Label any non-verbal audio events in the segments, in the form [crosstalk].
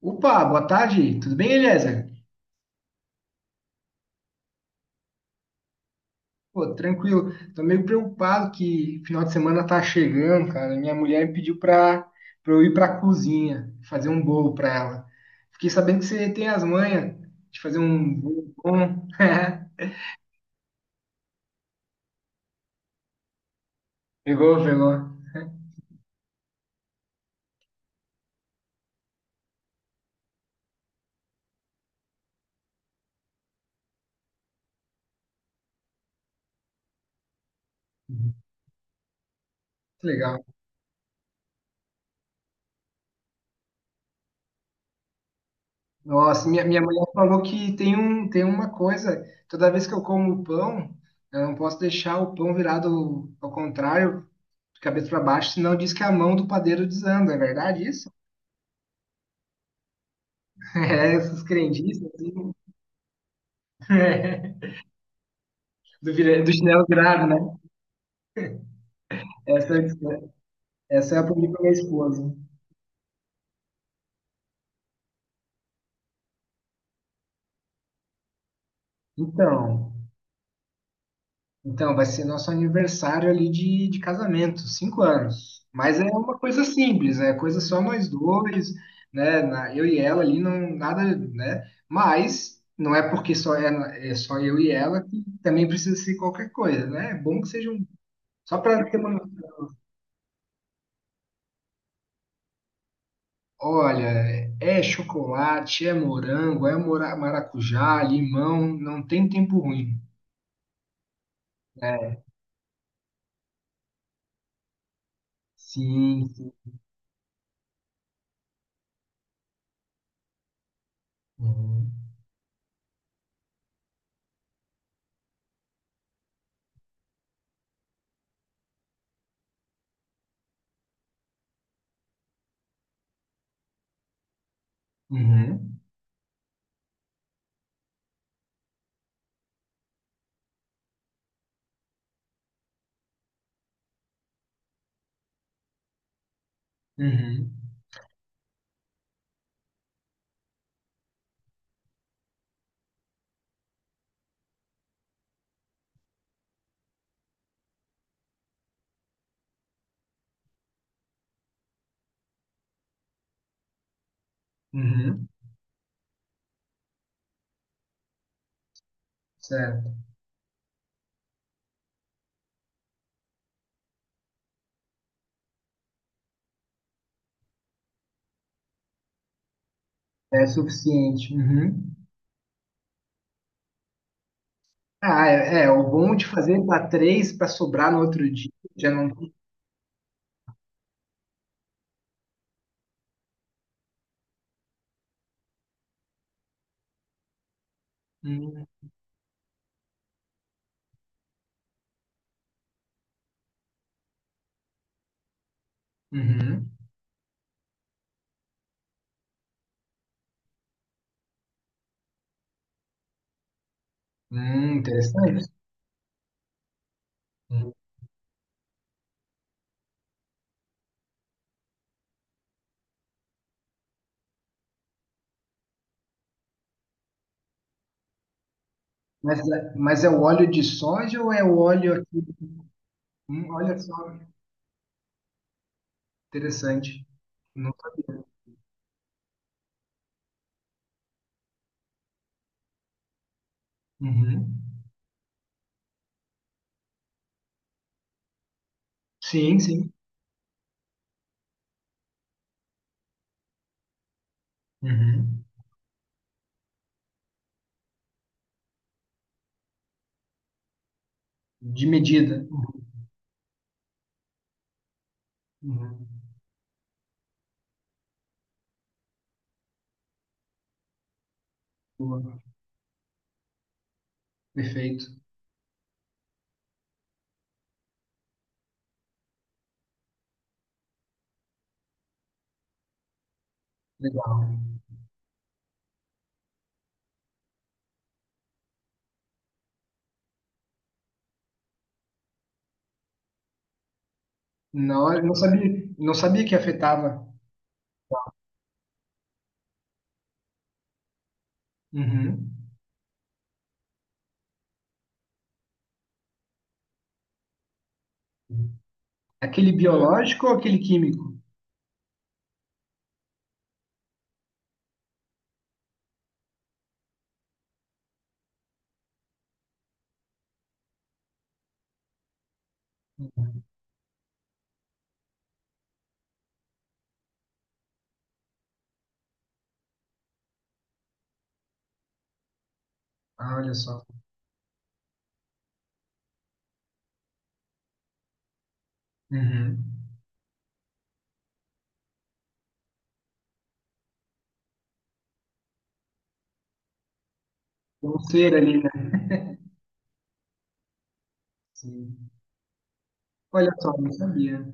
Opa, boa tarde, tudo bem, Eliezer? Pô, tranquilo. Tô meio preocupado que final de semana tá chegando, cara. Minha mulher me pediu pra eu ir pra cozinha fazer um bolo pra ela. Fiquei sabendo que você tem as manhas de fazer um bolo bom. [laughs] Pegou, pegou. Que Legal. Nossa, minha mulher falou que tem tem uma coisa, toda vez que eu como pão, eu não posso deixar o pão virado ao contrário, de cabeça para baixo, senão diz que a mão do padeiro desanda, é verdade isso? É, essas crendices, assim, [laughs] é, do chinelo virado, né? Essa, essa eu aprendi com a minha esposa. Então, então, vai ser nosso aniversário ali de casamento, 5 anos. Mas é uma coisa simples, é coisa só nós dois, né? Eu e ela ali, não, nada, né? Mas não é porque só é, é só eu e ela que também precisa ser qualquer coisa, né? É bom que seja um, só para ter uma. Olha, é chocolate, é morango, é maracujá, limão, não tem tempo ruim. É, sim, sim. Uhum, uhum, uhum, uhum, certo. É suficiente. Uhum. Ah, é, é, o bom de fazer para três para sobrar no outro dia, já não. Uhum, uhum. Interessante. Uhum. Mas, mas é o óleo de soja ou é o óleo aqui? Olha só, interessante. Não sabia. Uhum. Sim, sim. Uhum. De medida. Uhum. Uhum. Boa. Perfeito. Legal. Na hora, não sabia, não sabia que afetava. Uhum. Aquele biológico ou aquele químico? Uhum. Ah, olha só. Uhum. Tem Um ser ali, né? Sim. Olha só, não sabia.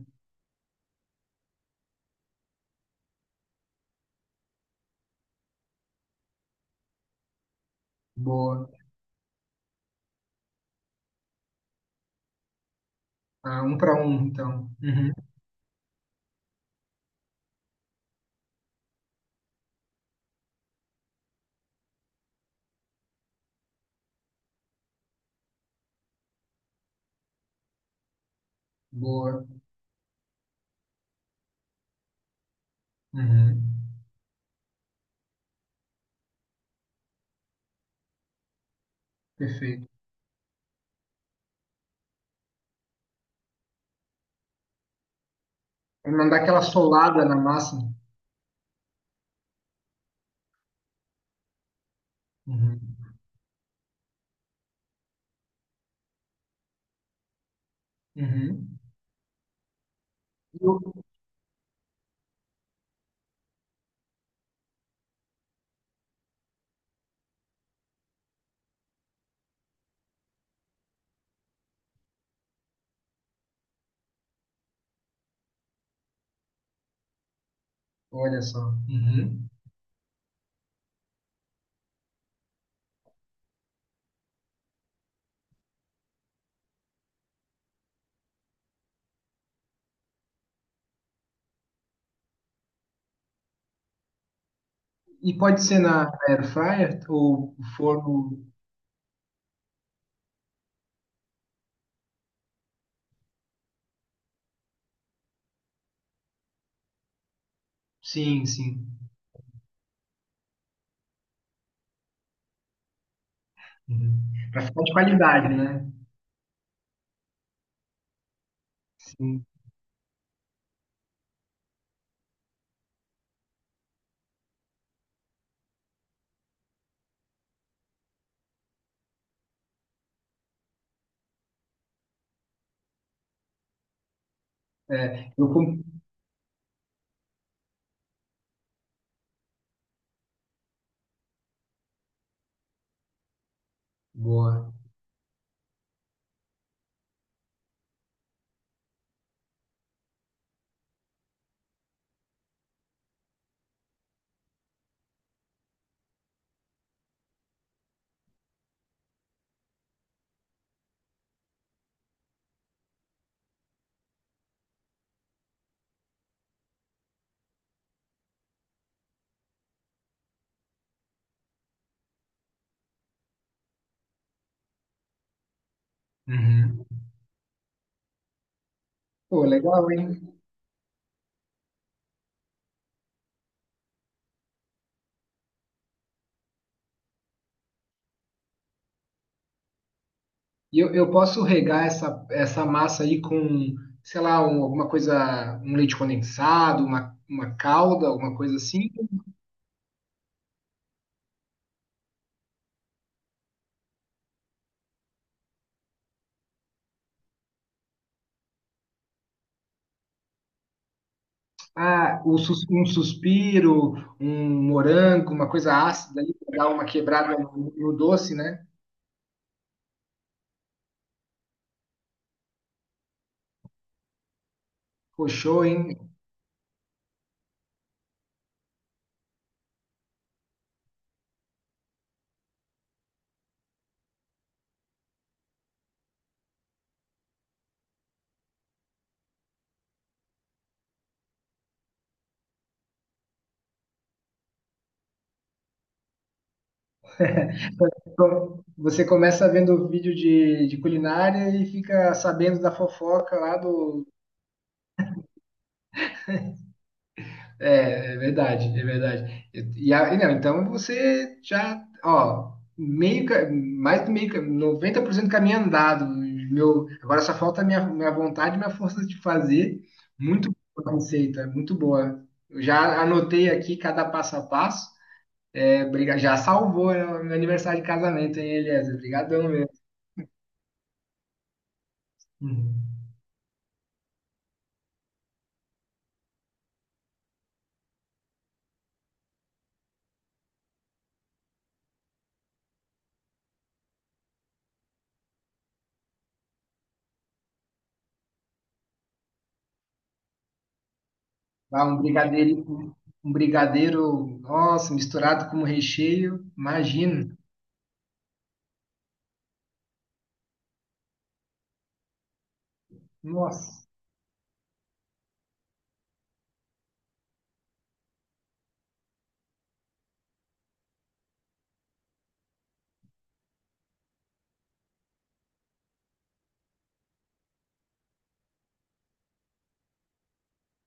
Boa. Ah, um para um, então. Uhum. Boa. Uhum. Perfeito. Pra não dar aquela solada na massa. Uhum. Uhum. E o- Olha só. Uhum. E pode ser na air fryer ou forno? Sim, sim. Uhum. Pra ficar de qualidade, né? Sim. É, eu com... Boa. Uhum. Pô, legal, hein? E eu posso regar essa massa aí com, sei lá, alguma coisa, um leite condensado, uma calda, alguma coisa assim? Ah, um suspiro, um morango, uma coisa ácida ali, pra dar uma quebrada no, no doce, né? Pô, show, hein? Então, você começa vendo vídeo de culinária e fica sabendo da fofoca lá do. É, é verdade, é verdade. E não, então você já, ó, mais do meio, 90% do caminho andado. Meu, agora só falta a minha vontade e minha força de fazer. Muito boa a receita, muito boa. Eu já anotei aqui cada passo a passo. Já salvou, né, meu aniversário de casamento, hein, Eliezer? Obrigadão mesmo. Uhum. Lá um brigadeiro, nossa, misturado com recheio, imagina. Nossa.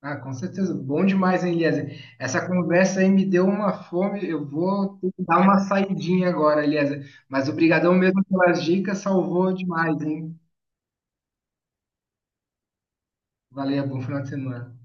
Ah, com certeza, bom demais, hein, Eliezer? Essa conversa aí me deu uma fome, eu vou ter que dar uma saidinha agora, Eliezer. Mas obrigadão mesmo pelas dicas, salvou demais, hein? Valeu, bom final de semana.